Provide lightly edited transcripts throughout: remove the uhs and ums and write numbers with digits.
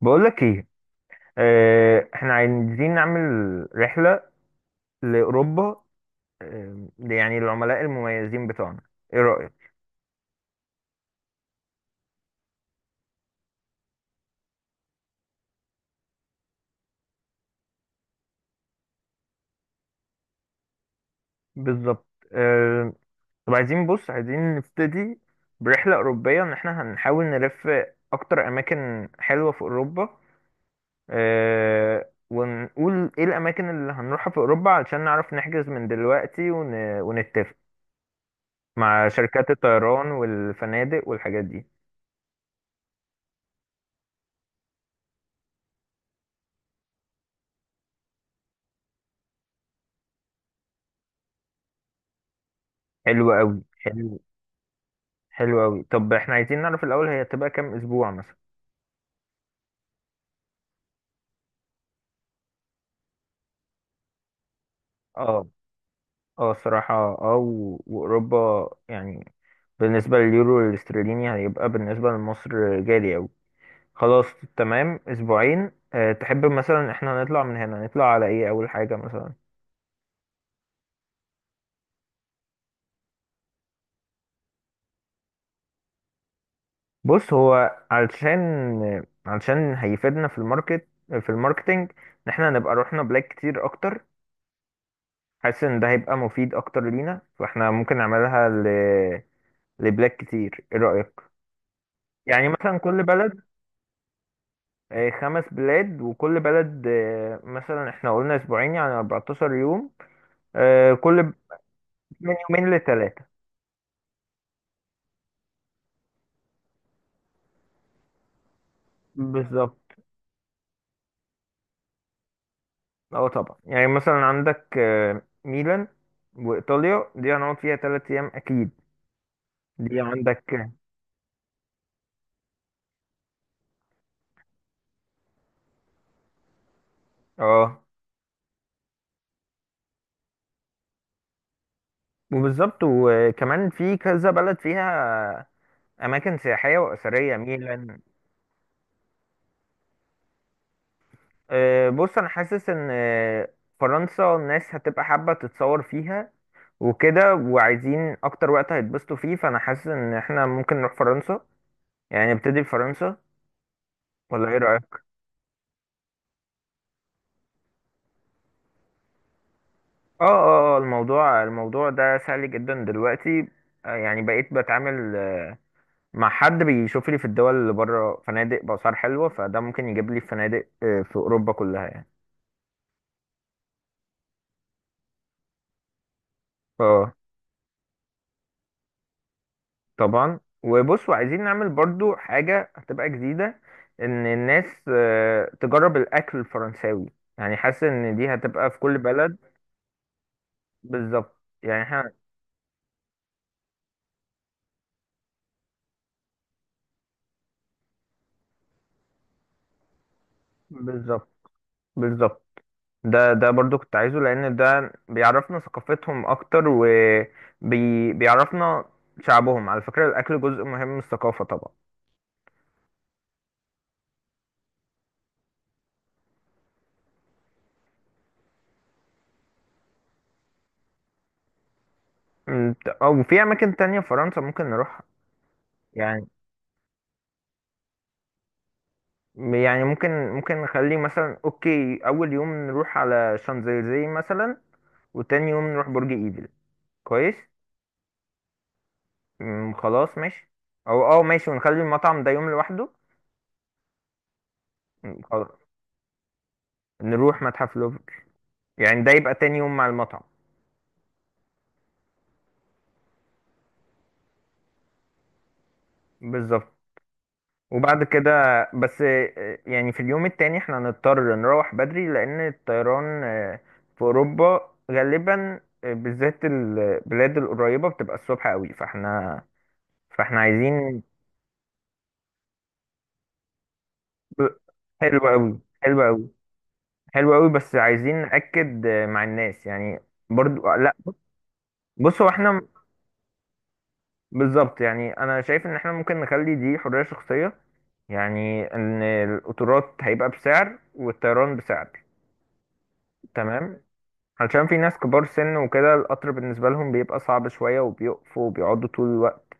بقولك ايه؟ اه، احنا عايزين نعمل رحلة لأوروبا. يعني العملاء المميزين بتوعنا، ايه رأيك؟ بالظبط. اه، طب عايزين، بص عايزين نبتدي برحلة أوروبية، ان احنا هنحاول نلف اكتر اماكن حلوة في أوروبا. اه، ونقول ايه الاماكن اللي هنروحها في أوروبا علشان نعرف نحجز من دلوقتي ونتفق مع شركات الطيران والفنادق والحاجات دي. حلو قوي، حلو. حلو قوي، طب احنا عايزين نعرف الاول، هي هتبقى كام اسبوع مثلا؟ اه. اه الصراحه. اه، واوروبا، يعني بالنسبه لليورو والاسترليني هيبقى بالنسبه لمصر غالي قوي. خلاص، تمام، اسبوعين. أه، تحب مثلا احنا نطلع من هنا، نطلع على ايه اول حاجه مثلا؟ بص هو علشان، هيفيدنا في الماركت، في الماركتينج، ان احنا نبقى رحنا بلاك كتير اكتر. حاسس ان ده هيبقى مفيد اكتر لينا، فاحنا ممكن نعملها لبلاك كتير، ايه رايك؟ يعني مثلا كل بلد، خمس بلاد، وكل بلد، مثلا احنا قلنا اسبوعين يعني 14 يوم، آه، كل ب- من يومين لثلاثة. بالظبط. اه طبعا، يعني مثلا عندك ميلان وايطاليا، دي هنقعد فيها ثلاث ايام اكيد. دي عندك، اه. آه. وبالظبط، وكمان في كذا بلد فيها اماكن سياحية واثرية، ميلان. بص، انا حاسس ان فرنسا الناس هتبقى حابة تتصور فيها وكده، وعايزين اكتر وقت هيتبسطوا فيه، فانا حاسس ان احنا ممكن نروح فرنسا، يعني نبتدي بفرنسا، ولا ايه رأيك؟ اه، الموضوع ده سهل جدا دلوقتي. يعني بقيت بتعامل، مع حد بيشوف لي في الدول اللي بره فنادق بأسعار حلوة، فده ممكن يجيب لي فنادق في اوروبا كلها يعني. اه طبعا. وبصوا عايزين نعمل برضو حاجة هتبقى جديدة، ان الناس تجرب الاكل الفرنساوي، يعني حاسس ان دي هتبقى في كل بلد. بالظبط، يعني احنا. بالظبط. بالظبط ده برضو كنت عايزه، لان ده بيعرفنا ثقافتهم اكتر وبيعرفنا شعبهم. على فكرة الاكل جزء مهم من الثقافة طبعا. أمم، او في اماكن تانية في فرنسا ممكن نروح يعني يعني ممكن نخلي مثلا اوكي، اول يوم نروح على شانزليزيه مثلا، وتاني يوم نروح برج ايفل. كويس. أمم، خلاص ماشي. او اه ماشي، ونخلي المطعم ده يوم لوحده. أمم، خلاص. نروح متحف لوفر، يعني ده يبقى تاني يوم مع المطعم. بالظبط. وبعد كده، بس يعني في اليوم التاني احنا هنضطر نروح بدري، لأن الطيران في أوروبا غالبا، بالذات البلاد القريبة بتبقى الصبح قوي، فاحنا عايزين. حلو قوي، حلو قوي. حلو قوي، بس عايزين نأكد مع الناس يعني. برضو لا. بص هو احنا. بالظبط، يعني انا شايف ان احنا ممكن نخلي دي حرية شخصية، يعني ان القطارات هيبقى بسعر والطيران بسعر. تمام. علشان في ناس كبار سن وكده، القطر بالنسبة لهم بيبقى صعب شوية، وبيقفوا وبيقعدوا طول الوقت،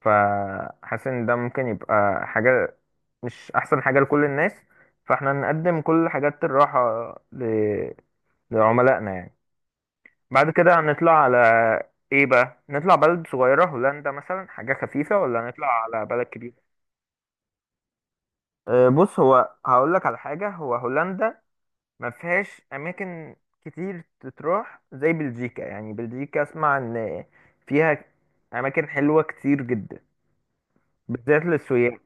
فحاسس ان ده ممكن يبقى حاجة مش احسن حاجة لكل الناس، فاحنا نقدم كل حاجات الراحة ل... لعملائنا يعني. بعد كده هنطلع على ايه بقى؟ نطلع بلد صغيرة، هولندا مثلا، حاجة خفيفة، ولا نطلع على بلد كبيرة؟ أه، بص هو هقولك على حاجة، هو هولندا ما فيهاش اماكن كتير تتروح زي بلجيكا، يعني بلجيكا اسمع ان فيها اماكن حلوه كتير جدا بالذات للسياح.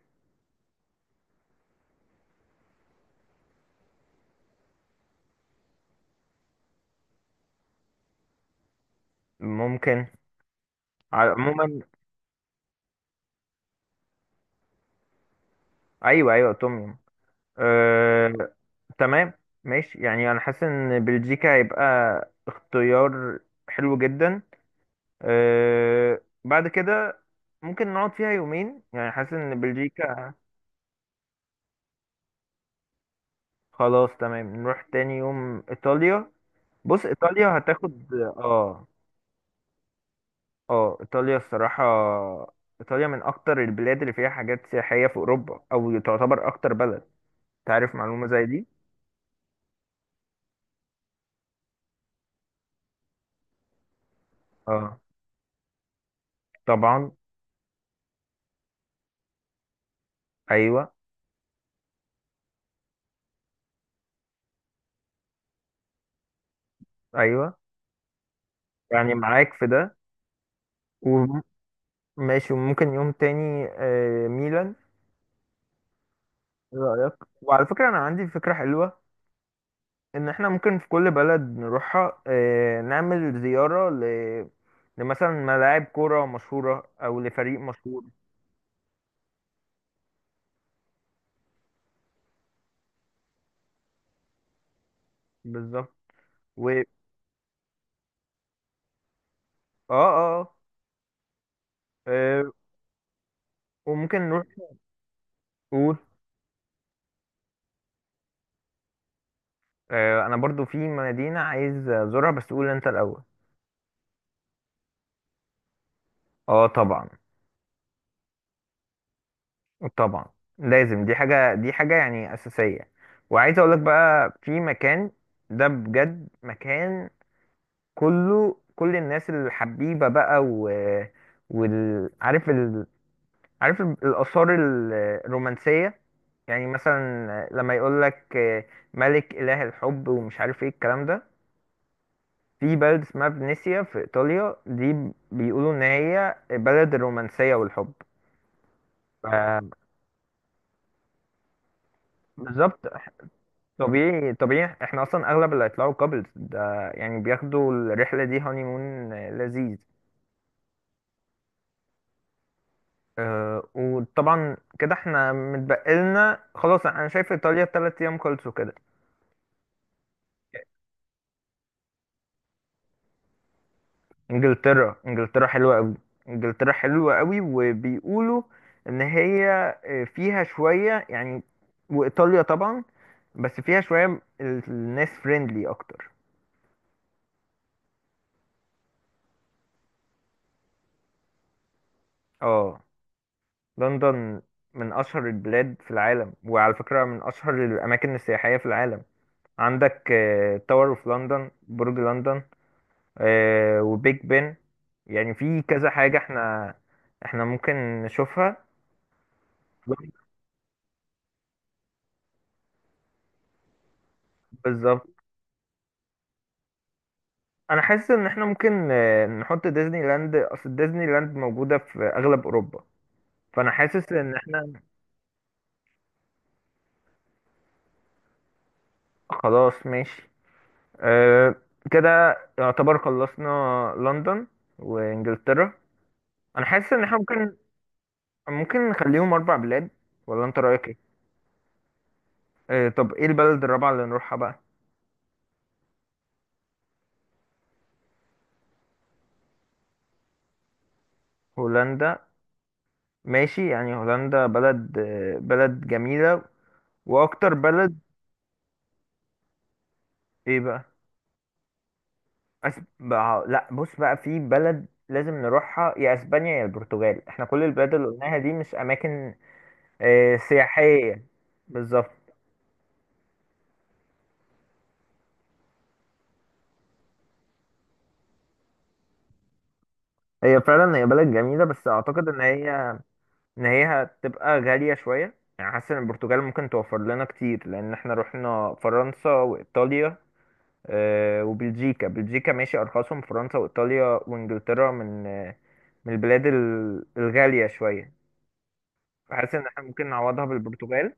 ممكن. عموما. ايوه ايوه، توم يوم. أه. تمام. ماشي، يعني انا حاسس ان بلجيكا هيبقى اختيار حلو جدا. أه، بعد كده ممكن نقعد فيها يومين، يعني حاسس ان بلجيكا. خلاص تمام، نروح تاني يوم ايطاليا. بص ايطاليا هتاخد، اه. اه، ايطاليا الصراحه، ايطاليا من اكتر البلاد اللي فيها حاجات سياحيه في اوروبا، او تعتبر اكتر بلد. تعرف معلومه زي دي. اه طبعا. ايوه ايوه، يعني معاك في ده. وماشي، وممكن يوم تاني ميلان، ايه رايك؟ وعلى فكره انا عندي فكره حلوه، ان احنا ممكن في كل بلد نروحها نعمل زياره لمثلا ملاعب كوره مشهوره، او لفريق مشهور. بالظبط. و اه اه آه، آه، وممكن نروح. قول. انا برضو في مدينة عايز ازورها، بس قول انت الاول. اه طبعا. طبعا لازم، دي حاجة، يعني اساسية. وعايز اقولك بقى، في مكان ده بجد مكان كله، كل الناس الحبيبة بقى، و عارف الآثار الرومانسية، يعني مثلا لما يقولك ملك إله الحب ومش عارف ايه الكلام ده. في بلد اسمها فينيسيا في إيطاليا، دي بيقولوا إن هي بلد الرومانسية والحب. ف- بالظبط. طبيعي، احنا اصلا اغلب اللي هيطلعوا كابلز ده، يعني بياخدوا الرحلة دي هانيمون لذيذ. أه، وطبعا كده احنا متبقلنا خلاص. انا شايف ايطاليا تلات ايام خلصوا كده. انجلترا. انجلترا حلوة قوي، وبيقولوا ان هي فيها شوية يعني. وايطاليا طبعا، بس فيها شوية الناس فريندلي أكتر. اه، لندن من أشهر البلاد في العالم، وعلى فكرة من أشهر الأماكن السياحية في العالم. عندك تاور اوف لندن، برج لندن، وبيج بن، يعني في كذا حاجة. احنا ممكن نشوفها. بالظبط، انا حاسس ان احنا ممكن نحط ديزني لاند، اصل ديزني لاند موجودة في اغلب اوروبا، فانا حاسس ان احنا. خلاص ماشي. أه كده يعتبر خلصنا لندن وانجلترا. انا حاسس ان احنا ممكن، نخليهم اربع بلاد، ولا انت رايك ايه؟ أه، طب ايه البلد الرابعه اللي نروحها بقى؟ هولندا. ماشي، يعني هولندا بلد بلد جميله، واكتر بلد. ايه بقى؟ بقى لا، بص بقى، في بلد لازم نروحها، يا اسبانيا يا البرتغال، احنا كل البلاد اللي قلناها دي مش اماكن أه سياحيه. بالظبط. هي فعلا هي بلد جميله، بس اعتقد ان هي، هتبقى غالية شوية، يعني حاسس ان البرتغال ممكن توفر لنا كتير، لان احنا رحنا فرنسا وايطاليا وبلجيكا. بلجيكا ماشي، ارخصهم. فرنسا وايطاليا وانجلترا من من البلاد الغالية شوية، فحاسس ان احنا ممكن نعوضها بالبرتغال.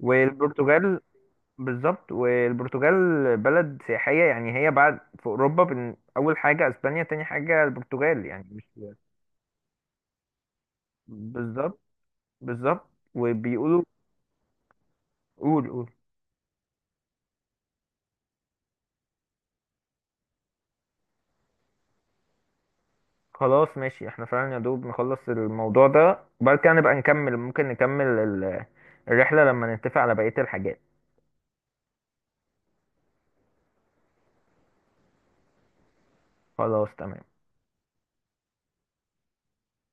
والبرتغال، بالظبط، والبرتغال بلد سياحية، يعني هي بعد في اوروبا، اول حاجة اسبانيا، تاني حاجة البرتغال، يعني مش. بالظبط. وبيقولوا. قول، قول. خلاص ماشي، احنا فعلا يا دوب نخلص الموضوع ده، وبعد كده نبقى نكمل، ممكن نكمل الرحلة لما نتفق على بقية الحاجات. خلاص تمام.